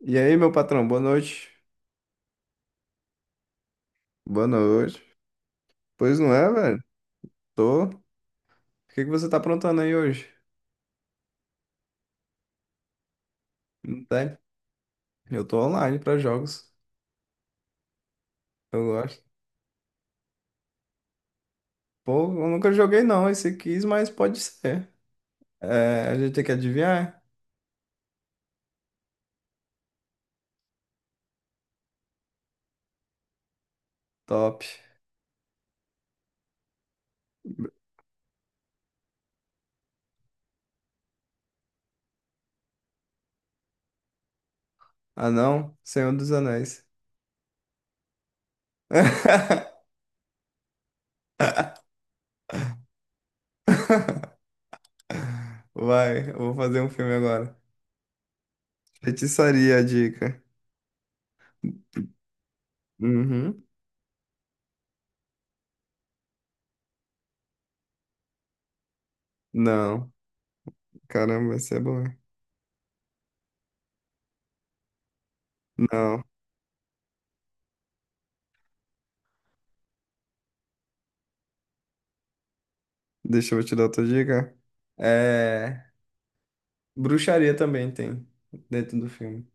E aí, meu patrão, boa noite. Boa noite. Pois não é, velho? Tô. O que que você tá aprontando aí hoje? Não tem? Eu tô online pra jogos. Eu gosto. Pô, eu nunca joguei não esse quis, mas pode ser. É, a gente tem que adivinhar? Top. Ah, não? Senhor dos Anéis. Vai, eu vou fazer um filme agora. Feitiçaria, a dica. Uhum. Não, caramba, essa é bom. Não. Deixa eu te dar outra dica. É, bruxaria também tem dentro do filme.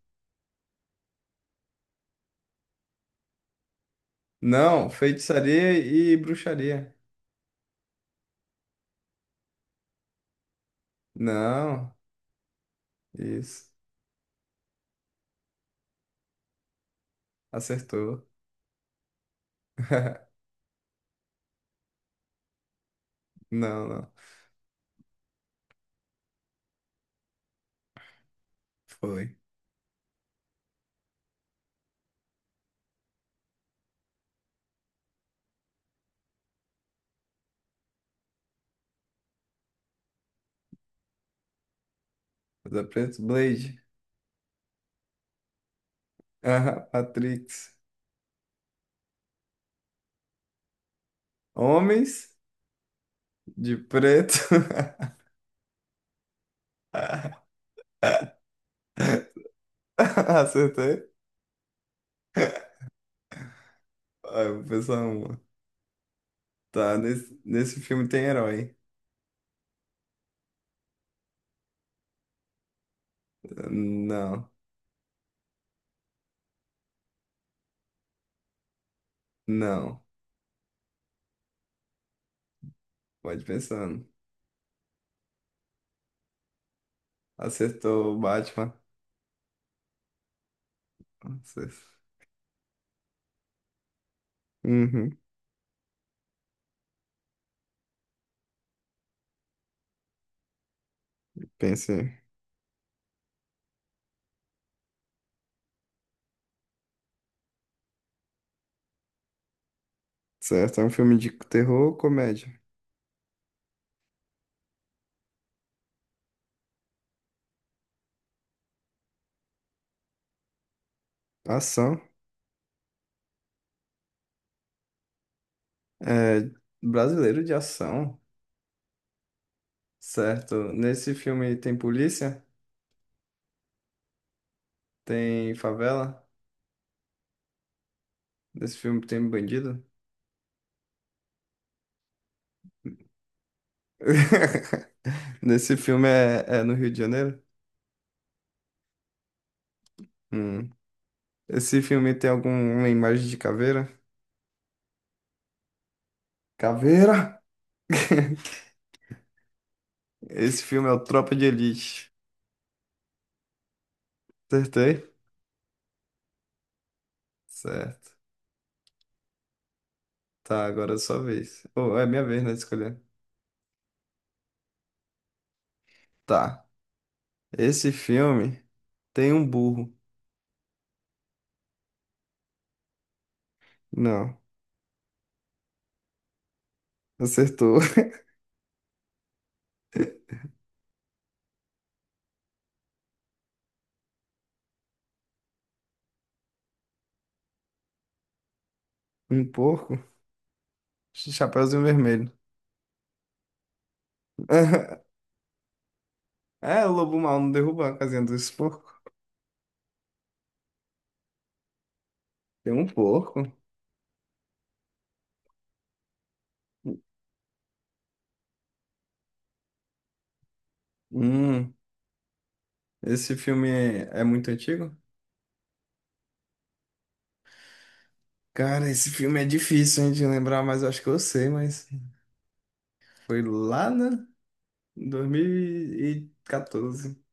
Não, feitiçaria e bruxaria. Não, isso. Acertou. Não, não. Foi. Mas é preto, Blade. Ah, Matrix. Homens de preto. Acertei. Ah, eu vou pensar uma. Tá, nesse filme tem herói. Não, não. Pode pensar. Acertou o Batman. Acertou. Uhum, pensei. Certo, é um filme de terror ou comédia? Ação. É brasileiro de ação. Certo. Nesse filme tem polícia? Tem favela? Nesse filme tem bandido? Nesse filme é no Rio de Janeiro? Hum. Esse filme tem alguma imagem de caveira? Caveira! Esse filme é o Tropa de Elite. Acertei? Certo. Tá, agora é sua vez. Ou é minha vez, né, de escolher. Tá. Esse filme tem um burro. Não, acertou. Um porco? Chapeuzinho vermelho. É, o lobo mau não derruba a casinha dos porcos. Tem um porco. Hum, esse filme é, é muito antigo? Cara, esse filme é difícil, hein, de lembrar, mas eu acho que eu sei, mas foi lá, né? Em 2014.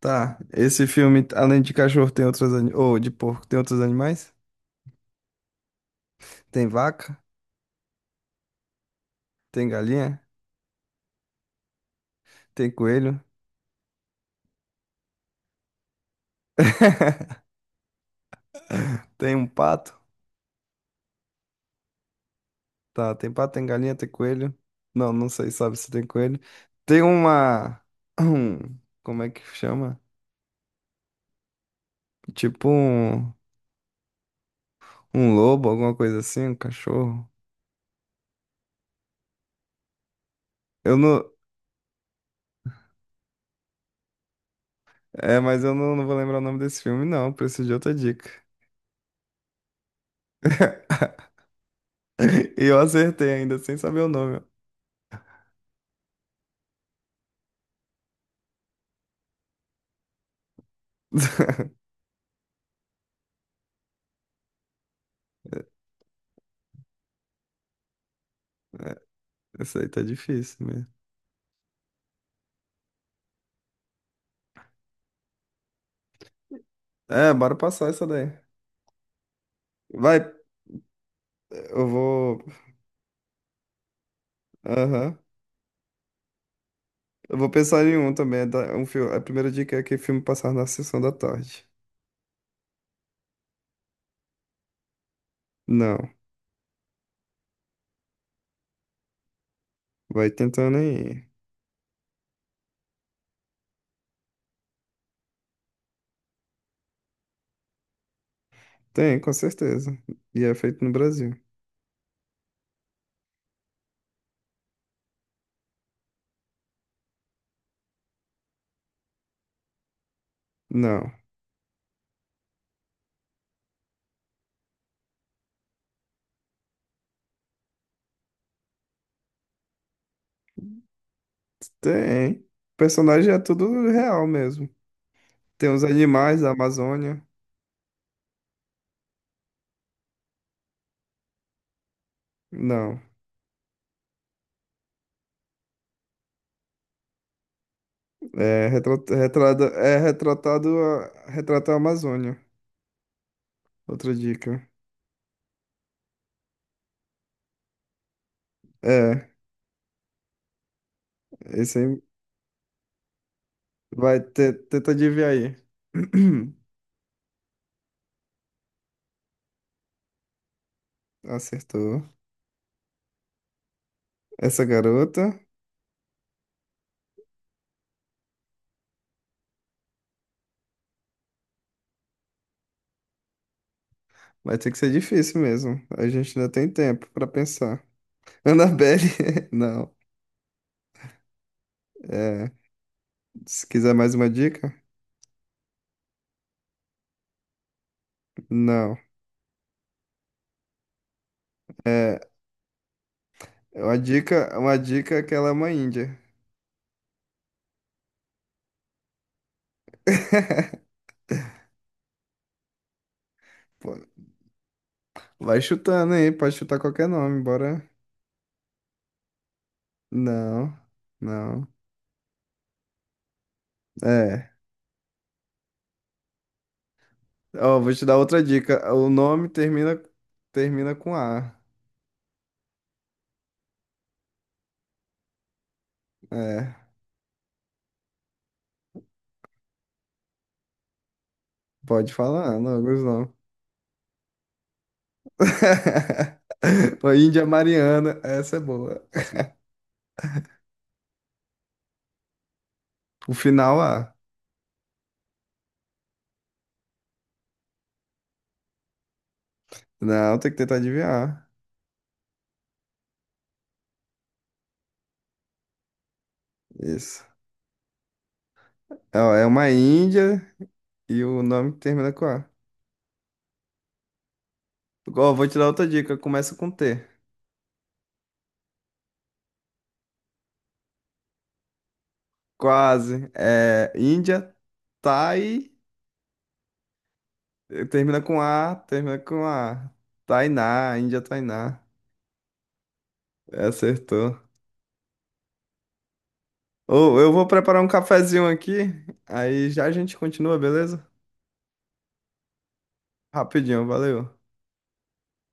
Tá, esse filme, além de cachorro, tem outros animais. Ou de porco, tem outros animais? Tem vaca, tem galinha, tem coelho, tem um pato. Tá, tem pato, tem galinha, tem coelho. Não, não sei, sabe se tem coelho. Tem uma. um- Como é que chama? Tipo um, um lobo, alguma coisa assim, um cachorro. Eu não. É, mas eu não, não vou lembrar o nome desse filme, não. Preciso de outra dica. E eu acertei ainda, sem saber o nome. Ó. É, essa aí tá difícil mesmo. É, bora passar essa daí. Vai, eu vou. Aham. Eu vou pensar em um também. Tá? Um filme. A primeira dica é que filme passar na sessão da tarde. Não. Vai tentando aí. Tem, com certeza. E é feito no Brasil. Não. Tem. O personagem é tudo real mesmo. Tem os animais da Amazônia. Não. É, é retratado a, retrata a Amazônia. Outra dica. É. Esse aí tenta adivinhar aí. Acertou. Essa garota. Vai ter que ser difícil mesmo. A gente ainda tem tempo pra pensar. Annabelle, não. É, se quiser mais uma dica, não. É, uma dica é que ela é uma índia. Pô, vai chutando aí, pode chutar qualquer nome, bora. Não, não. É. Ó, vou te dar outra dica. O nome termina, termina com A. É, pode falar, não, alguns não. A Índia Mariana, essa é boa. O final A. Não, tem que tentar adivinhar. Isso. É ó, é uma Índia e o nome que termina com A. Ó, vou te dar outra dica. Começa com T. Quase. É Índia, Thai, termina com A. Tainá, Índia Tainá. É, acertou. Ou eu vou preparar um cafezinho aqui, aí já a gente continua, beleza? Rapidinho, valeu.